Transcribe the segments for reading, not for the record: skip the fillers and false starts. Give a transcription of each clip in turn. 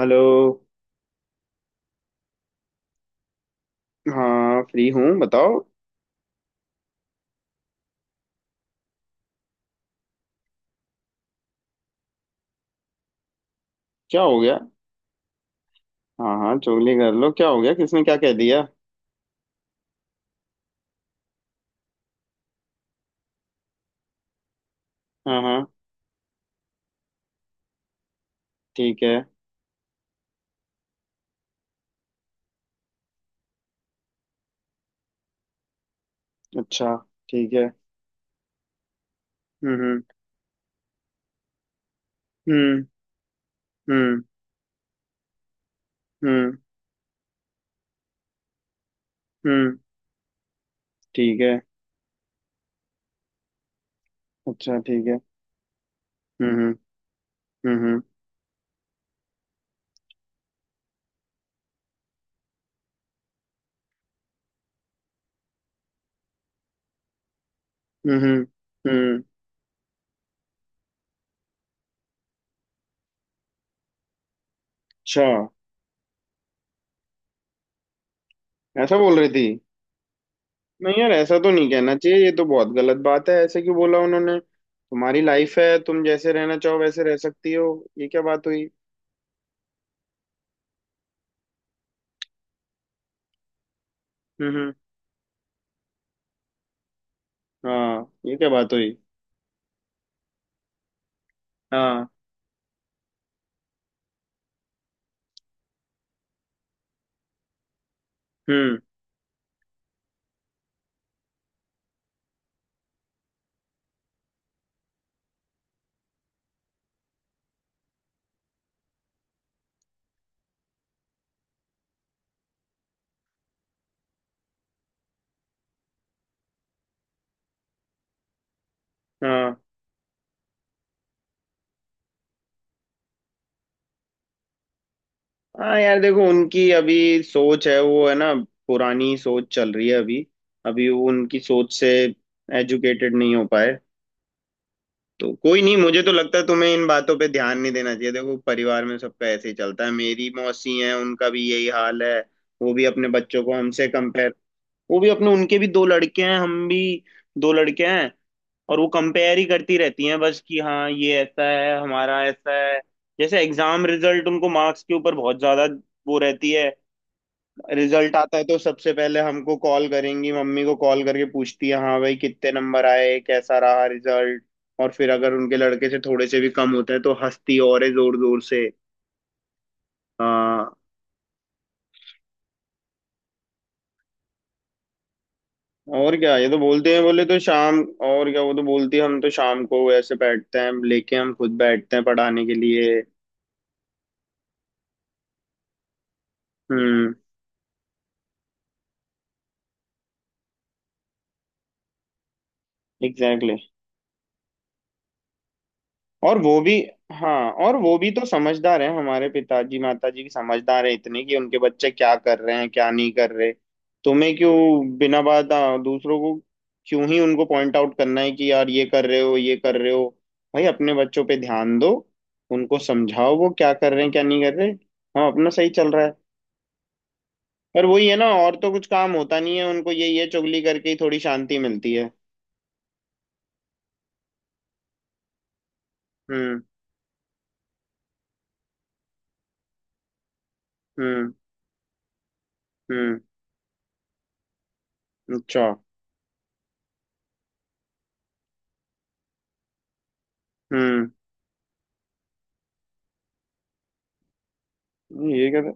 Hello. हाँ, free हूँ, बताओ। क्या हो गया। हाँ हाँ, चुगली कर लो, क्या हो गया, किसने क्या कह दिया। हाँ हाँ, ठीक है। अच्छा, ठीक है। हम्म। हम्म। हम्म। हम्म। हम्म। हम्म, ठीक है। अच्छा, ठीक है। हम्म। हम्म। हम्म। हम्म। हम्म। हम्म, अच्छा। ऐसा बोल रही थी। नहीं यार, ऐसा तो नहीं कहना चाहिए, ये तो बहुत गलत बात है, ऐसे क्यों बोला उन्होंने। तुम्हारी लाइफ है, तुम जैसे रहना चाहो वैसे रह सकती हो। ये क्या बात हुई। हम्म। हाँ, ये क्या बात हुई। हाँ। हम्म। हाँ। हाँ यार, देखो उनकी अभी सोच है, वो है ना, पुरानी सोच चल रही है अभी। अभी वो उनकी सोच से एजुकेटेड नहीं हो पाए। तो कोई नहीं, मुझे तो लगता है तुम्हें इन बातों पे ध्यान नहीं देना चाहिए। देखो परिवार में सबका ऐसे ही चलता है, मेरी मौसी हैं, उनका भी यही हाल है। वो भी अपने बच्चों को हमसे कंपेयर, वो भी अपने उनके भी दो लड़के हैं, हम भी दो लड़के हैं। और वो कंपेयर ही करती रहती हैं, बस कि हाँ ये ऐसा है, हमारा ऐसा है। जैसे एग्जाम रिजल्ट, उनको मार्क्स के ऊपर बहुत ज्यादा वो रहती है। रिजल्ट आता है तो सबसे पहले हमको कॉल करेंगी, मम्मी को कॉल करके पूछती है, हाँ भाई कितने नंबर आए, कैसा रहा रिजल्ट। और फिर अगर उनके लड़के से थोड़े से भी कम होता है तो हंसती और है जोर जोर से। हाँ। और क्या, ये तो बोलते हैं, बोले तो शाम। और क्या, वो तो बोलती है हम तो शाम को ऐसे बैठते हैं लेके, हम खुद बैठते हैं पढ़ाने के लिए। हम्म। एग्जैक्टली। और वो भी हाँ, और वो भी तो समझदार है, हमारे पिताजी माताजी समझदार है इतने कि उनके बच्चे क्या कर रहे हैं क्या नहीं कर रहे। तुम्हें क्यों बिना बात दूसरों को क्यों ही उनको पॉइंट आउट करना है कि यार ये कर रहे हो ये कर रहे हो। भाई अपने बच्चों पे ध्यान दो, उनको समझाओ वो क्या कर रहे हैं क्या नहीं कर रहे। हाँ अपना सही चल रहा है। पर वही है ना, और तो कुछ काम होता नहीं है उनको, ये चुगली करके ही थोड़ी शांति मिलती है। हम्म। हम्म। हम्म। अच्छा। हम्म। ये कर।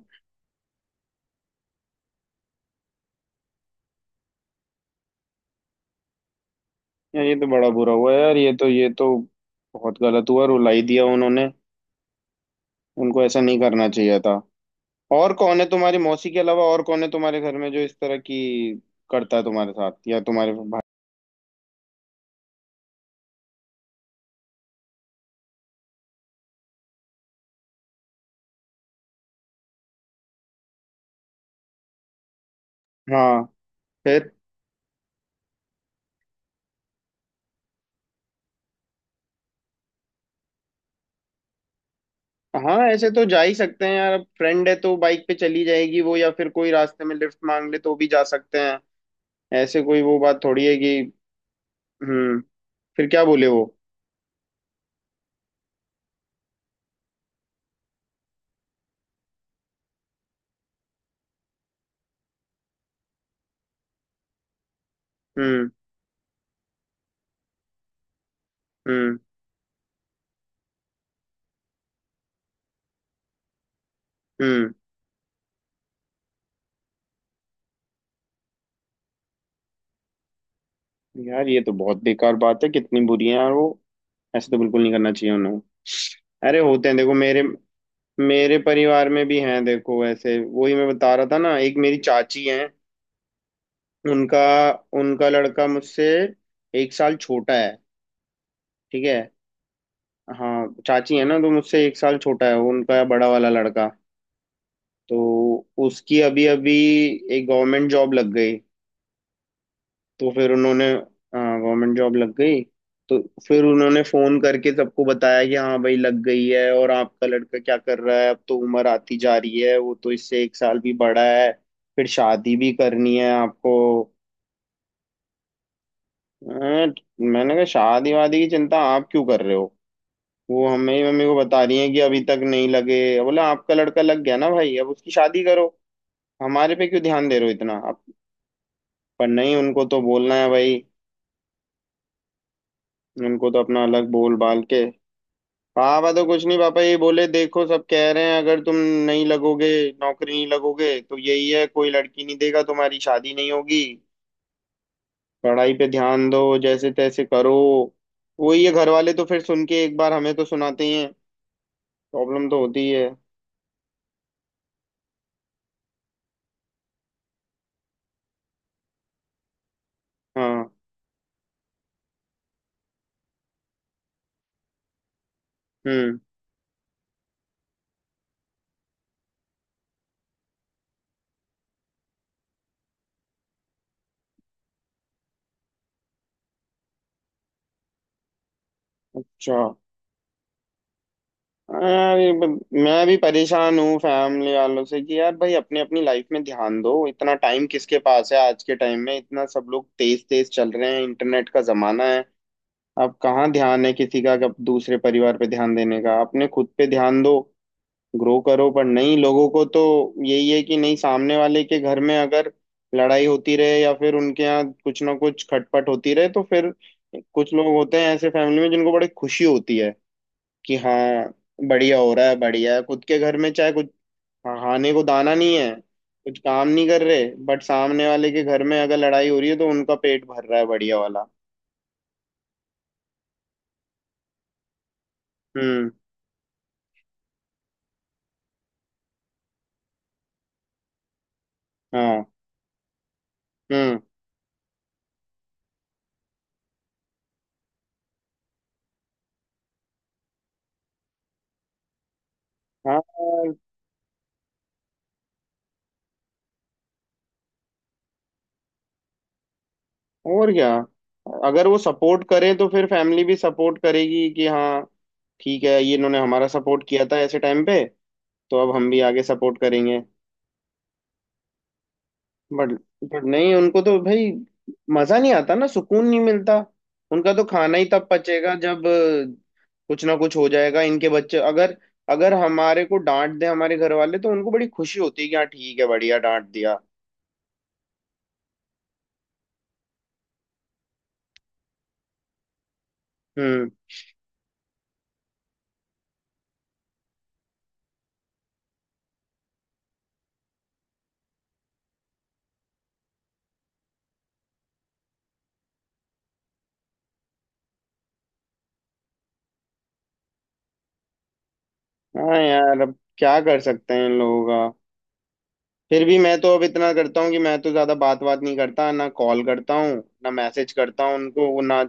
यार ये तो बड़ा बुरा हुआ यार, ये तो, ये तो बहुत गलत हुआ, रुलाई दिया उन्होंने। उनको ऐसा नहीं करना चाहिए था। और कौन है तुम्हारी मौसी के अलावा, और कौन है तुम्हारे घर में जो इस तरह की करता है तुम्हारे साथ या तुम्हारे भाई। हाँ। फिर। हाँ ऐसे तो जा ही सकते हैं यार, अब फ्रेंड है तो बाइक पे चली जाएगी वो, या फिर कोई रास्ते में लिफ्ट मांग ले तो भी जा सकते हैं। ऐसे कोई वो बात थोड़ी है कि। हम्म। फिर क्या बोले वो। हम्म हम्म। हम्म। यार ये तो बहुत बेकार बात है, कितनी बुरी है यार वो। ऐसे तो बिल्कुल नहीं करना चाहिए उन्हें। अरे होते हैं, देखो मेरे मेरे परिवार में भी हैं, देखो ऐसे वही मैं बता रहा था ना, एक मेरी चाची हैं। उनका उनका लड़का मुझसे एक साल छोटा है, ठीक है। हाँ चाची है ना, तो मुझसे एक साल छोटा है वो, उनका बड़ा वाला लड़का। तो उसकी अभी अभी एक गवर्नमेंट जॉब लग गई। तो फिर उन्होंने गवर्नमेंट जॉब लग गई तो फिर उन्होंने फोन करके सबको बताया कि हाँ भाई लग गई है, और आपका लड़का क्या कर रहा है, अब तो उम्र आती जा रही है, वो तो इससे एक साल भी बड़ा है, फिर शादी भी करनी है आपको। अं, मैंने कहा शादी वादी की चिंता आप क्यों कर रहे हो, वो हमें ही मम्मी को बता रही है कि अभी तक नहीं लगे। बोला आपका लड़का लग गया ना भाई, अब उसकी शादी करो, हमारे पे क्यों ध्यान दे रहे हो इतना आप। पर नहीं, उनको तो बोलना है भाई, उनको तो अपना अलग बोल बाल के। हाँ मैं तो कुछ नहीं, पापा ये बोले देखो सब कह रहे हैं अगर तुम नहीं लगोगे, नौकरी नहीं लगोगे तो यही है, कोई लड़की नहीं देगा, तुम्हारी शादी नहीं होगी, पढ़ाई पे ध्यान दो जैसे तैसे करो। वही है, घर वाले तो फिर सुन के एक बार हमें तो सुनाते ही हैं। प्रॉब्लम तो होती ही है। हाँ। हम्म। अच्छा। हाँ, मैं भी परेशान हूँ फैमिली वालों से कि यार भाई अपनी अपनी लाइफ में ध्यान दो, इतना टाइम किसके पास है आज के टाइम में, इतना सब लोग तेज तेज चल रहे हैं, इंटरनेट का जमाना है। अब कहाँ ध्यान है किसी का कब दूसरे परिवार पे ध्यान देने का, अपने खुद पे ध्यान दो, ग्रो करो। पर नहीं, लोगों को तो यही है कि नहीं, सामने वाले के घर में अगर लड़ाई होती रहे या फिर उनके यहाँ कुछ ना कुछ खटपट होती रहे तो फिर, कुछ लोग होते हैं ऐसे फैमिली में जिनको बड़ी खुशी होती है कि हाँ बढ़िया हो रहा है, बढ़िया है। खुद के घर में चाहे कुछ खाने को दाना नहीं है, कुछ काम नहीं कर रहे, बट सामने वाले के घर में अगर लड़ाई हो रही है तो उनका पेट भर रहा है बढ़िया वाला। हम्म। हाँ। हम्म। हाँ और क्या, अगर वो सपोर्ट करें तो फिर फैमिली भी सपोर्ट करेगी कि हाँ ठीक है, ये इन्होंने हमारा सपोर्ट किया था ऐसे टाइम पे, तो अब हम भी आगे सपोर्ट करेंगे। बट बट नहीं उनको तो भाई मजा नहीं आता ना, सुकून नहीं मिलता। उनका तो खाना ही तब पचेगा जब कुछ ना कुछ हो जाएगा इनके बच्चे अगर, अगर हमारे को डांट दे हमारे घर वाले तो उनको बड़ी खुशी होती है कि हाँ ठीक है, बढ़िया डांट दिया। हम्म। हाँ यार अब क्या कर सकते हैं इन लोगों का। फिर भी मैं तो अब इतना करता हूँ कि मैं तो ज्यादा बात बात नहीं करता, ना कॉल करता हूँ, ना मैसेज करता हूँ उनको, ना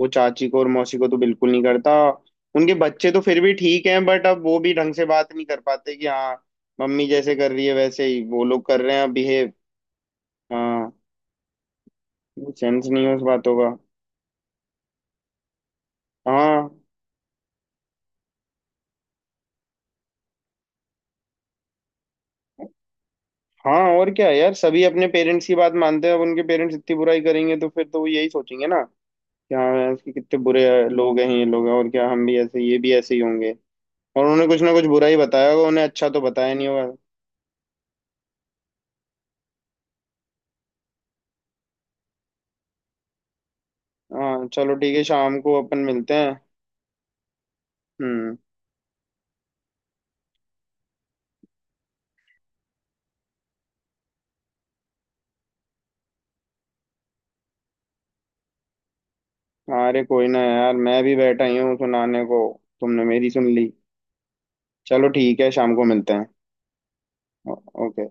वो चाची को और मौसी को तो बिल्कुल नहीं करता। उनके बच्चे तो फिर भी ठीक हैं बट अब वो भी ढंग से बात नहीं कर पाते कि हाँ मम्मी जैसे कर रही है वैसे ही वो लोग कर रहे हैं बिहेव। हाँ। सेंस नहीं है उस बातों का। हाँ। हाँ और क्या यार, सभी अपने पेरेंट्स की बात मानते हैं, अब उनके पेरेंट्स इतनी बुराई करेंगे तो फिर तो वो यही सोचेंगे ना कि हाँ इसके कितने बुरे लोग हैं ये लोग, और क्या, हम भी ऐसे, ये भी ऐसे ही होंगे। और उन्होंने कुछ ना कुछ बुरा ही बताया होगा उन्हें, अच्छा तो बताया नहीं होगा। हाँ चलो ठीक है, शाम को अपन मिलते हैं। हम्म। अरे कोई ना यार, मैं भी बैठा ही हूँ सुनाने को, तुमने मेरी सुन ली। चलो ठीक है शाम को मिलते हैं। ओ- ओके।